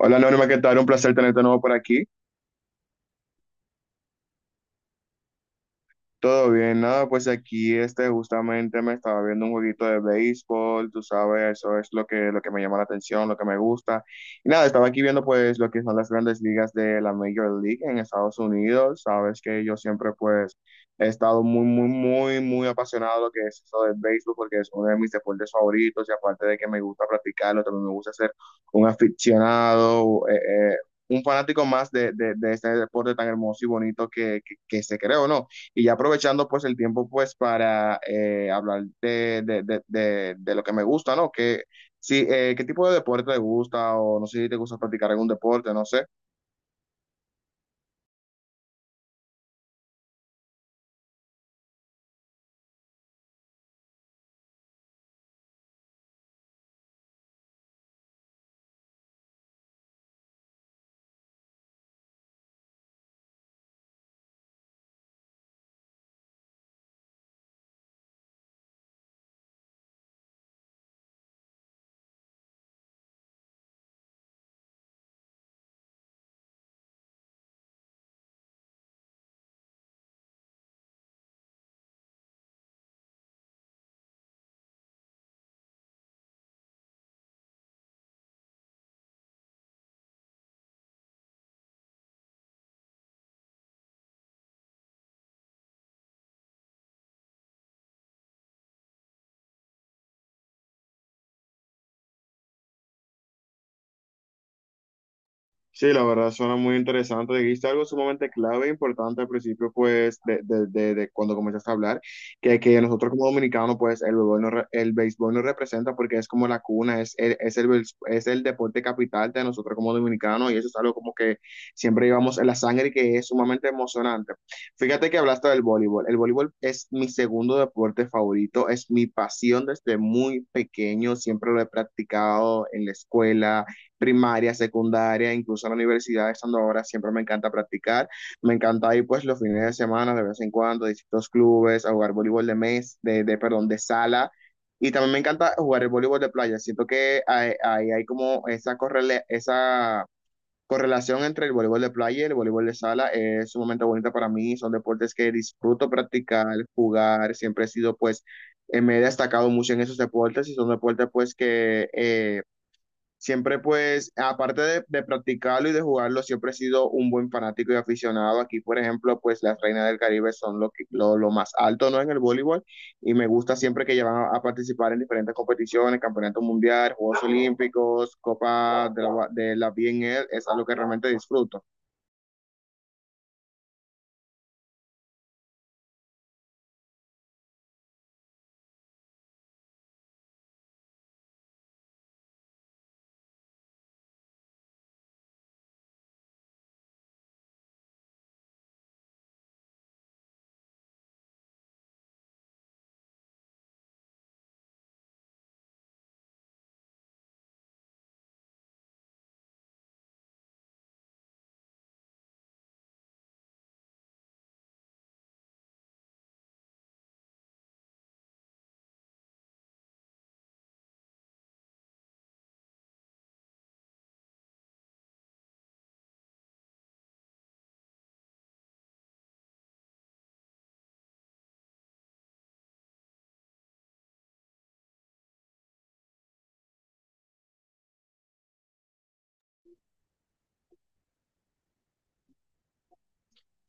Hola Norma, ¿qué tal? Un placer tenerte de nuevo por aquí. Todo bien, nada, pues aquí este justamente me estaba viendo un jueguito de béisbol, tú sabes, eso es lo que me llama la atención, lo que me gusta. Y nada, estaba aquí viendo pues lo que son las grandes ligas de la Major League en Estados Unidos, sabes que yo siempre pues he estado muy, muy, muy, muy apasionado de lo que es eso del béisbol porque es uno de mis deportes favoritos y aparte de que me gusta practicarlo, también me gusta ser un aficionado, un fanático más de este deporte tan hermoso y bonito que se creó, ¿no? Y ya aprovechando pues el tiempo pues para hablar de lo que me gusta, ¿no? ¿Qué tipo de deporte te gusta? O no sé si te gusta practicar algún deporte, no sé. Sí, la verdad suena muy interesante. Dijiste algo sumamente clave e importante al principio, pues, de cuando comenzaste a hablar, que nosotros como dominicanos, pues, el béisbol, el béisbol nos representa porque es como la cuna, es el deporte capital de nosotros como dominicanos y eso es algo como que siempre llevamos en la sangre y que es sumamente emocionante. Fíjate que hablaste del voleibol. El voleibol es mi segundo deporte favorito, es mi pasión desde muy pequeño, siempre lo he practicado en la escuela primaria, secundaria, incluso en la universidad, estando ahora, siempre me encanta practicar. Me encanta ir pues los fines de semana, de vez en cuando, a distintos clubes, a jugar voleibol de mes, de perdón, de sala. Y también me encanta jugar el voleibol de playa. Siento que ahí hay, como esa, correle esa correlación entre el voleibol de playa y el voleibol de sala. Es sumamente bonita para mí. Son deportes que disfruto practicar, jugar. Siempre he sido, pues, me he destacado mucho en esos deportes y son deportes, pues, que siempre pues, aparte de practicarlo y de jugarlo, siempre he sido un buen fanático y aficionado. Aquí, por ejemplo, pues las Reinas del Caribe son lo más alto, ¿no? En el voleibol, y me gusta siempre que llevan a participar en diferentes competiciones, campeonato mundial, Juegos Olímpicos, Copa de la BNL, es algo que realmente disfruto.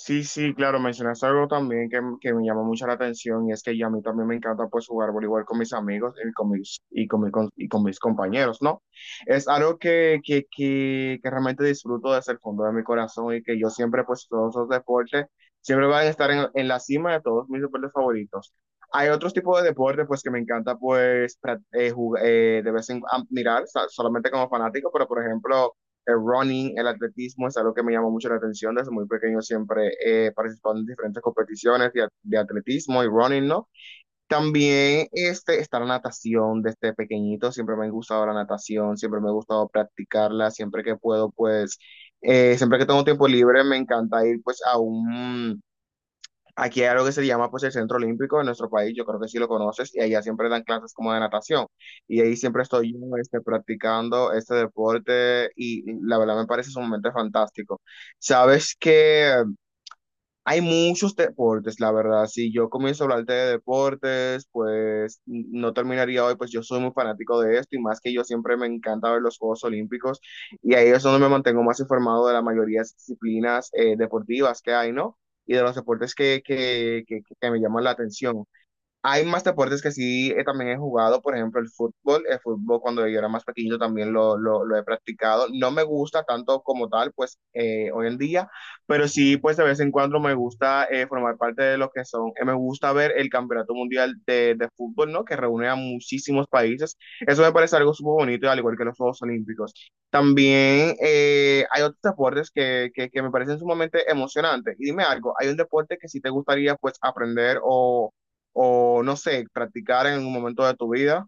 Sí, sí, claro, mencionaste algo también que me llamó mucho la atención, y es que ya a mí también me encanta pues jugar voleibol con mis amigos y con mis, y con mi- con- y con mis compañeros, ¿no? Es algo que realmente disfruto desde el fondo de mi corazón, y que yo siempre pues todos esos deportes siempre van a estar en la cima de todos mis deportes favoritos. Hay otros tipos de deportes pues que me encanta de vez en cuando mirar solamente como fanático, pero por ejemplo el running, el atletismo es algo que me llamó mucho la atención. Desde muy pequeño siempre he participado en diferentes competiciones de atletismo y running, ¿no? También este, está la natación desde pequeñito, siempre me ha gustado la natación, siempre me ha gustado practicarla, siempre que puedo, pues, siempre que tengo tiempo libre, me encanta ir pues a un... Aquí hay algo que se llama pues el Centro Olímpico en nuestro país, yo creo que sí lo conoces, y allá siempre dan clases como de natación. Y ahí siempre estoy yo este, practicando este deporte, y la verdad me parece sumamente fantástico. Sabes que hay muchos deportes, la verdad. Si yo comienzo a hablarte de deportes, pues no terminaría hoy, pues yo soy muy fanático de esto, y más que yo siempre me encanta ver los Juegos Olímpicos, y ahí es donde me mantengo más informado de la mayoría de las disciplinas deportivas que hay, ¿no? Y de los deportes que me llaman la atención. Hay más deportes que sí también he jugado, por ejemplo, el fútbol. El fútbol cuando yo era más pequeño también lo he practicado. No me gusta tanto como tal, pues hoy en día, pero sí, pues de vez en cuando me gusta formar parte de lo que son. Me gusta ver el Campeonato Mundial de Fútbol, ¿no? Que reúne a muchísimos países. Eso me parece algo súper bonito, al igual que los Juegos Olímpicos. También hay otros deportes que me parecen sumamente emocionantes. Y dime algo, ¿hay un deporte que sí te gustaría pues aprender o no sé, practicar en un momento de tu vida?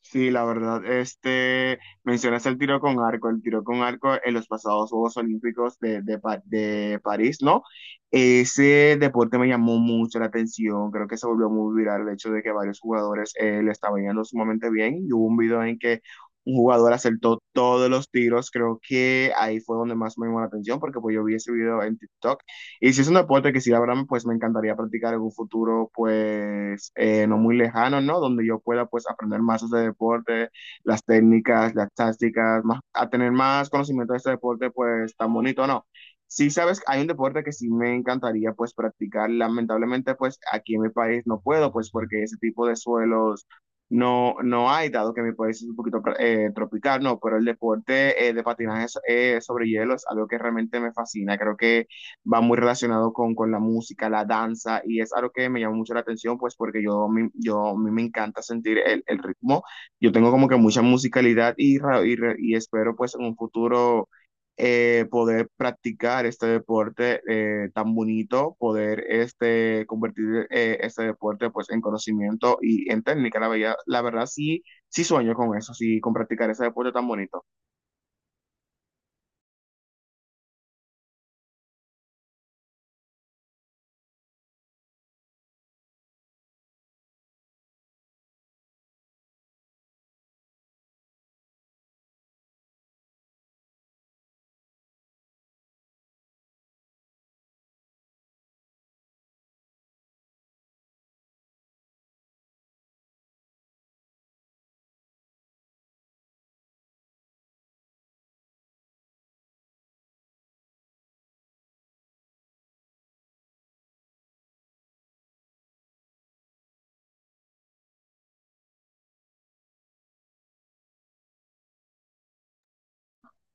Sí, la verdad, este, mencionas el tiro con arco, el tiro con arco en los pasados Juegos Olímpicos de París, ¿no? Ese deporte me llamó mucho la atención, creo que se volvió muy viral el hecho de que varios jugadores le estaban yendo sumamente bien, y hubo un video en que un jugador acertó todos los tiros. Creo que ahí fue donde más me llamó la atención, porque pues yo vi ese video en TikTok. Y si es un deporte que sí, la verdad, pues me encantaría practicar en un futuro, pues no muy lejano, ¿no? Donde yo pueda, pues, aprender más de este deporte, las técnicas, las tácticas, más, a tener más conocimiento de este deporte, pues, tan bonito, ¿no? Sí, sabes, hay un deporte que sí me encantaría pues practicar. Lamentablemente pues aquí en mi país no puedo pues porque ese tipo de suelos no hay, dado que mi país es un poquito tropical, no, pero el deporte de patinaje sobre hielo es algo que realmente me fascina. Creo que va muy relacionado con la música, la danza, y es algo que me llama mucho la atención, pues porque yo a mí me encanta sentir el ritmo, yo tengo como que mucha musicalidad y espero pues en un futuro poder practicar este deporte tan bonito, poder este, convertir este deporte pues en conocimiento y en técnica, la verdad sí, sí sueño con eso, sí, con practicar ese deporte tan bonito.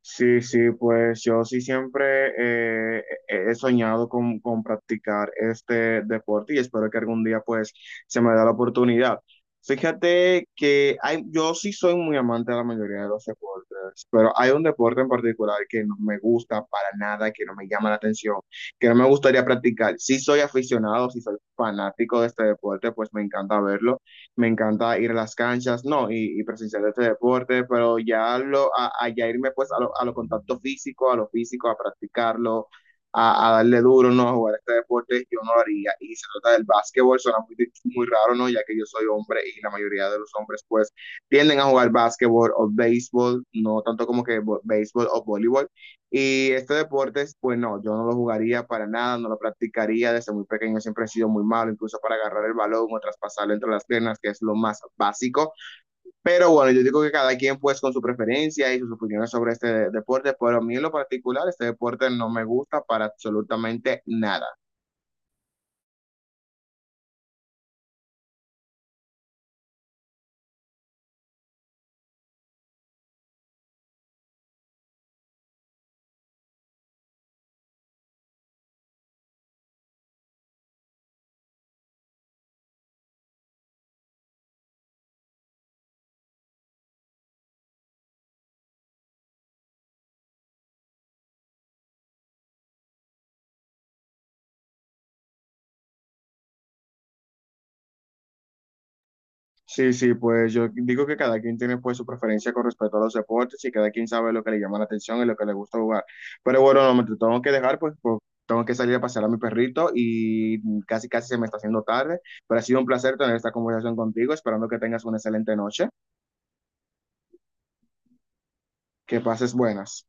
Sí, sí, pues yo sí siempre he soñado con practicar este deporte, y espero que algún día pues se me da la oportunidad. Fíjate que hay, yo sí soy muy amante de la mayoría de los deportes, pero hay un deporte en particular que no me gusta para nada, que no me llama la atención, que no me gustaría practicar. Sí soy aficionado, sí soy fanático de este deporte, pues me encanta verlo, me encanta ir a las canchas, no, y presenciar este deporte, pero ya lo, a ya irme pues a lo contacto físico, a lo físico, a practicarlo, darle duro, ¿no? A jugar este deporte, yo no lo haría. Y se trata del básquetbol, suena muy, muy raro, ¿no? Ya que yo soy hombre y la mayoría de los hombres, pues, tienden a jugar básquetbol o béisbol, no tanto como que béisbol o voleibol, y este deporte, pues no, yo no lo jugaría para nada, no lo practicaría. Desde muy pequeño, siempre he sido muy malo, incluso para agarrar el balón o traspasarlo entre las piernas, que es lo más básico. Pero bueno, yo digo que cada quien pues con su preferencia y sus opiniones sobre este deporte, pero a mí en lo particular, este deporte no me gusta para absolutamente nada. Sí, sí, pues yo digo que cada quien tiene pues su preferencia con respecto a los deportes, y cada quien sabe lo que le llama la atención y lo que le gusta jugar. Pero bueno, no me te tengo que dejar, pues, tengo que salir a pasear a mi perrito y casi casi se me está haciendo tarde, pero ha sido un placer tener esta conversación contigo, esperando que tengas una excelente noche, que pases buenas.